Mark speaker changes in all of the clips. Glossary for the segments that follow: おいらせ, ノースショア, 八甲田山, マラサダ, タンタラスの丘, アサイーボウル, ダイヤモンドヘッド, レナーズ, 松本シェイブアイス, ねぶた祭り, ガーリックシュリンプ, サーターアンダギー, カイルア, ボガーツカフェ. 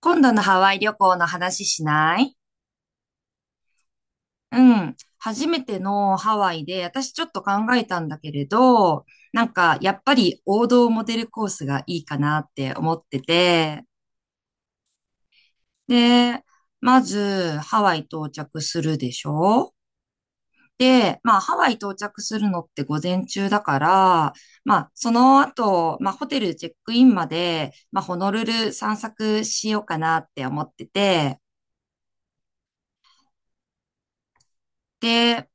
Speaker 1: 今度のハワイ旅行の話しない？うん。初めてのハワイで、私ちょっと考えたんだけれど、なんかやっぱり王道モデルコースがいいかなって思ってて、で、まずハワイ到着するでしょ？で、まあハワイ到着するのって午前中だから、まあその後、まあホテルチェックインまで、まあホノルル散策しようかなって思ってて、で、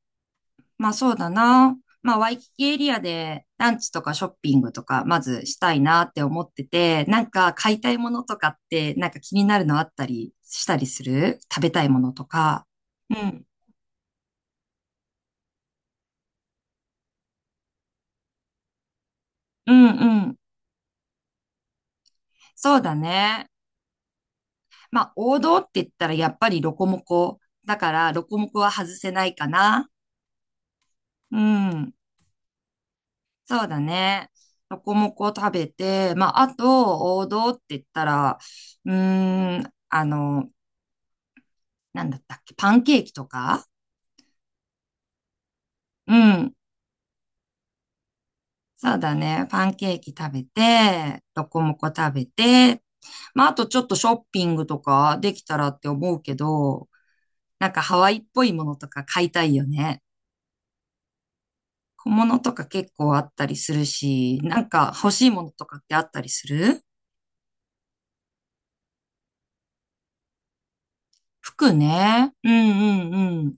Speaker 1: まあそうだな。まあワイキキエリアでランチとかショッピングとかまずしたいなって思ってて、なんか買いたいものとかってなんか気になるのあったりしたりする？食べたいものとか？うん。うんうん。そうだね。まあ王道って言ったらやっぱりロコモコ。だからロコモコは外せないかな。うん。そうだね。ロコモコ食べて、まああと王道って言ったら、あの、なんだったっけ、パンケーキとか？うん。そうだね。パンケーキ食べて、ロコモコ食べて、まあ、あとちょっとショッピングとかできたらって思うけど、なんかハワイっぽいものとか買いたいよね。小物とか結構あったりするし、なんか欲しいものとかってあったりする？服ね。うんうんうん。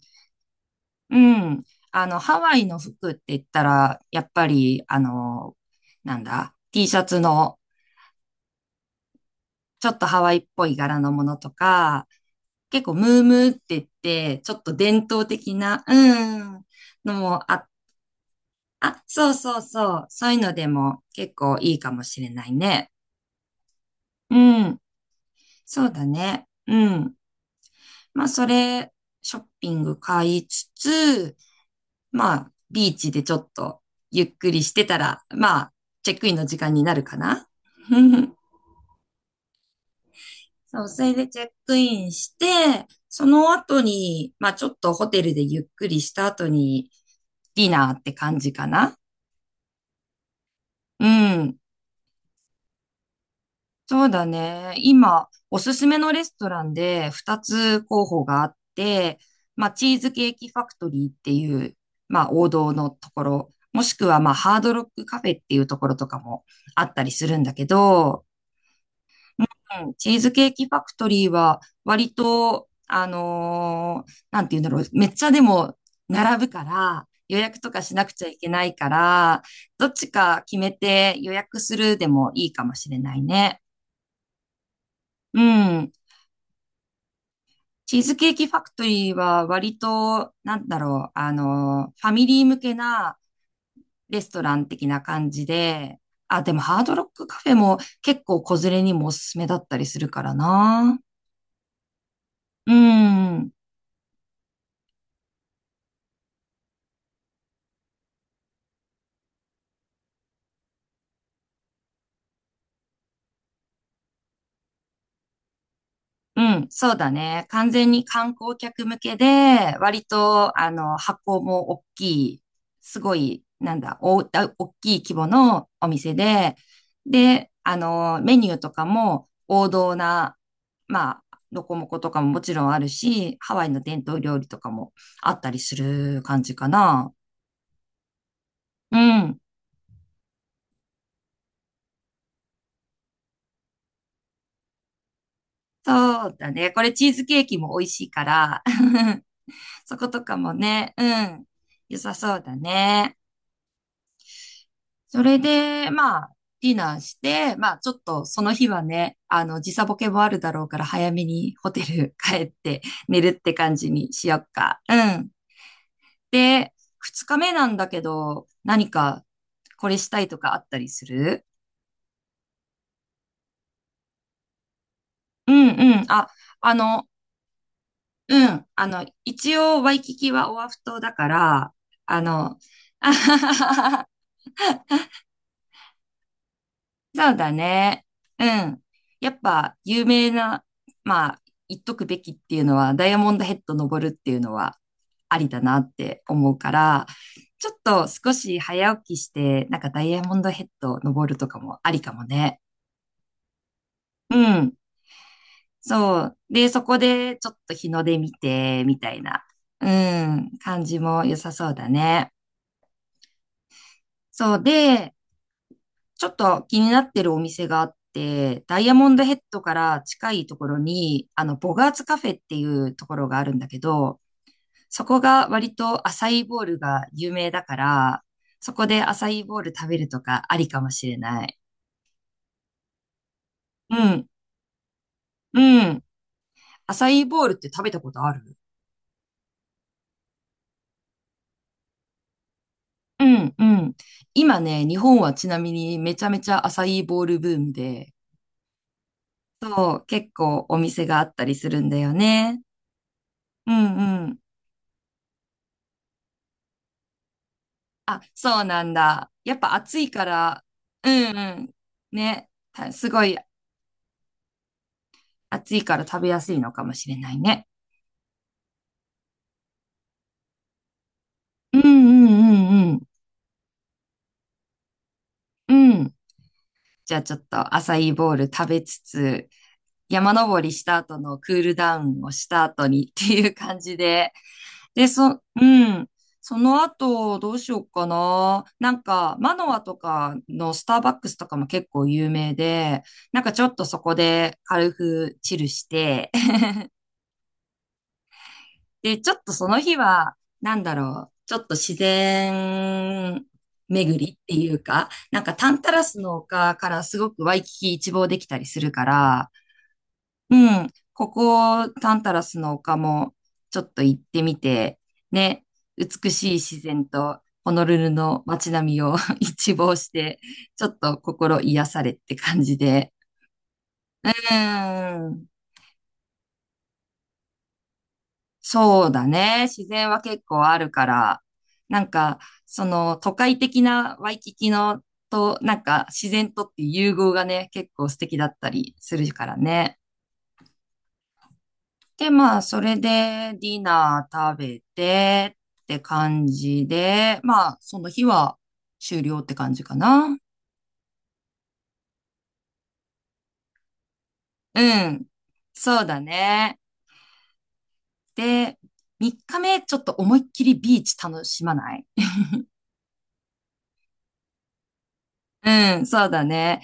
Speaker 1: うん。あの、ハワイの服って言ったら、やっぱり、あの、なんだ、T シャツのちょっとハワイっぽい柄のものとか、結構ムームーって言って、ちょっと伝統的な、うん、のもあ、あ、そうそうそう、そういうのでも結構いいかもしれないね。うん、そうだね。うん。まあ、それ、ショッピング買いつつ、まあ、ビーチでちょっとゆっくりしてたら、まあ、チェックインの時間になるかな。そう、それでチェックインして、その後に、まあちょっとホテルでゆっくりした後に、ディナーって感じかな？うん。そうだね。今、おすすめのレストランで2つ候補があって、まあ、チーズケーキファクトリーっていう、まあ、王道のところ、もしくは、まあ、ハードロックカフェっていうところとかもあったりするんだけど、うん、チーズケーキファクトリーは割と、なんて言うんだろう、めっちゃでも並ぶから、予約とかしなくちゃいけないから、どっちか決めて予約するでもいいかもしれないね。うん。チーズケーキファクトリーは割と、なんだろう、あのファミリー向けなレストラン的な感じで、あ、でもハードロックカフェも結構子連れにもおすすめだったりするからな。うん。うん、そうだね。完全に観光客向けで、割と、あの、箱も大きい、すごい、なんだ、大きい規模のお店で、で、あの、メニューとかも王道な、まあ、ロコモコとかももちろんあるし、ハワイの伝統料理とかもあったりする感じかな。うん、そうだね。これチーズケーキも美味しいから、そことかもね、うん、良さそうだね。それで、まあ、ディナーして、まあ、ちょっとその日はね、あの、時差ボケもあるだろうから、早めにホテル帰って 寝るって感じにしよっか。うん。で、二日目なんだけど、何かこれしたいとかあったりする？うんうん。あ、あの、うん。あの、一応、ワイキキはオアフ島だから、あの、そうだね。うん。やっぱ有名な、まあ、言っとくべきっていうのは、ダイヤモンドヘッド登るっていうのはありだなって思うから、ちょっと少し早起きして、なんかダイヤモンドヘッド登るとかもありかもね。うん。そう。で、そこでちょっと日の出見て、みたいな、うん、感じも良さそうだね。そうで、ちょっと気になってるお店があって、ダイヤモンドヘッドから近いところに、あの、ボガーツカフェっていうところがあるんだけど、そこが割とアサイーボウルが有名だから、そこでアサイーボウル食べるとかありかもしれない。うん、うん。アサイーボウルって食べたことある？うん、うん。今ね、日本はちなみにめちゃめちゃアサイーボウルブームで、そう、結構お店があったりするんだよね。うん、うん。あ、そうなんだ。やっぱ暑いから、うんうん。ね。すごい暑いから食べやすいのかもしれないね。うんうんうんうん。うん。じゃあちょっとアサイーボウル食べつつ、山登りした後のクールダウンをした後にっていう感じで。で、うん。その後、どうしようかな。なんか、マノアとかのスターバックスとかも結構有名で、なんかちょっとそこで軽くチルして、で、ちょっとその日は、なんだろう、ちょっと自然巡りっていうか、なんかタンタラスの丘からすごくワイキキ一望できたりするから、うん、ここタンタラスの丘もちょっと行ってみて、ね、美しい自然とホノルルの街並みを 一望して、ちょっと心癒されって感じで。うん。そうだね。自然は結構あるから、なんか、その都会的なワイキキのと、なんか自然とっていう融合がね、結構素敵だったりするからね。で、まあ、それでディナー食べてって感じで、まあ、その日は終了って感じかな。うん。そうだね。で、3日目ちょっと思いっきりビーチ楽しまない？うん、そうだね。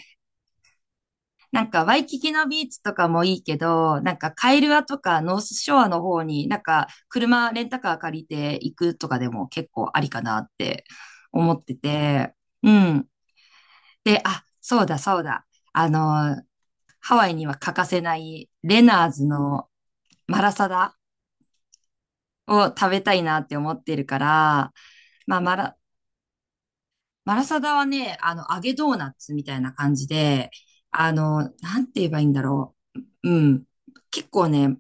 Speaker 1: なんか、ワイキキのビーチとかもいいけど、なんか、カイルアとかノースショアの方に、なんか、車、レンタカー借りて行くとかでも結構ありかなって思ってて、うん。で、あ、そうだ、そうだ。あの、ハワイには欠かせない、レナーズのマラサダを食べたいなって思ってるから、まあ、マラサダはね、あの、揚げドーナツみたいな感じで、あの、なんて言えばいいんだろう。うん。結構ね、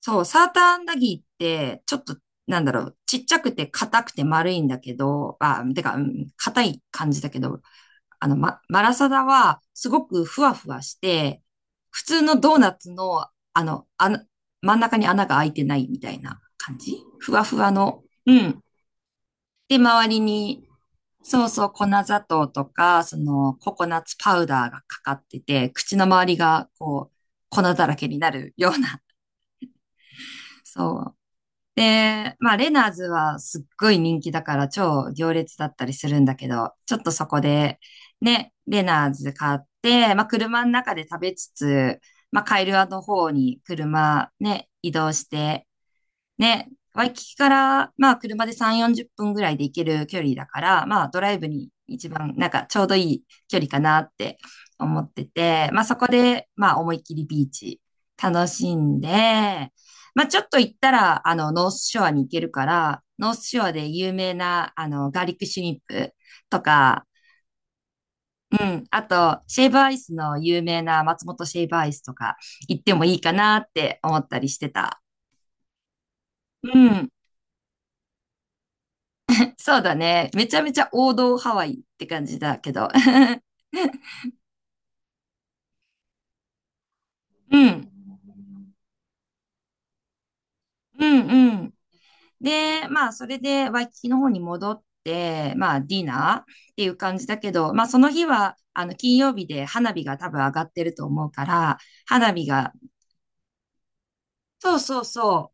Speaker 1: そう、サーターアンダギーって、ちょっと、なんだろう、ちっちゃくて硬くて丸いんだけど、あ、てか、うん、硬い感じだけど、あの、マラサダは、すごくふわふわして、普通のドーナツの、あの、真ん中に穴が開いてないみたいな感じふわふわの。うん。で、周りに、そうそう、粉砂糖とか、その、ココナッツパウダーがかかってて、口の周りが、こう、粉だらけになるような、そう、で、まあ、レナーズはすっごい人気だから超行列だったりするんだけど、ちょっとそこで、ね、レナーズ買って、まあ、車の中で食べつつ、まあ、カイルアの方に車ね、移動して、ね、ワイキキから、まあ、車で3、40分ぐらいで行ける距離だから、まあ、ドライブに一番、なんか、ちょうどいい距離かなって思ってて、まあ、そこで、まあ、思いっきりビーチ楽しんで、まあ、ちょっと行ったら、あの、ノースショアに行けるから、ノースショアで有名な、あの、ガーリックシュリンプとか、うん、あと、シェイブアイスの有名な松本シェイブアイスとか行ってもいいかなって思ったりしてた。うん。そうだね。めちゃめちゃ王道ハワイって感じだけど。うん。うんうん。で、まあ、それでワイキキの方に戻って、まあ、ディナーっていう感じだけど、まあ、その日は、あの、金曜日で花火が多分上がってると思うから、花火が、そうそうそ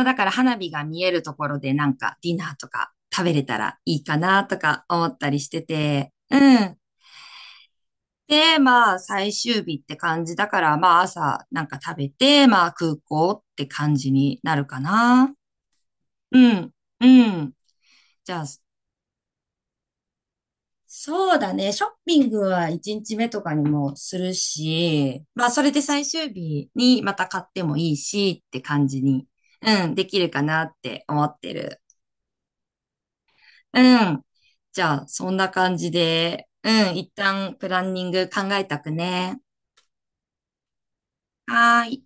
Speaker 1: う。だから花火が見えるところでなんかディナーとか食べれたらいいかなとか思ったりしてて、うん。で、まあ、最終日って感じだから、まあ、朝なんか食べて、まあ、空港って感じになるかな。うん、うん。じゃあ、そうだね。ショッピングは1日目とかにもするし、まあ、それで最終日にまた買ってもいいしって感じに、うん、できるかなって思ってる。うん。じゃあ、そんな感じで、うん、一旦プランニング考えたくね？はーい。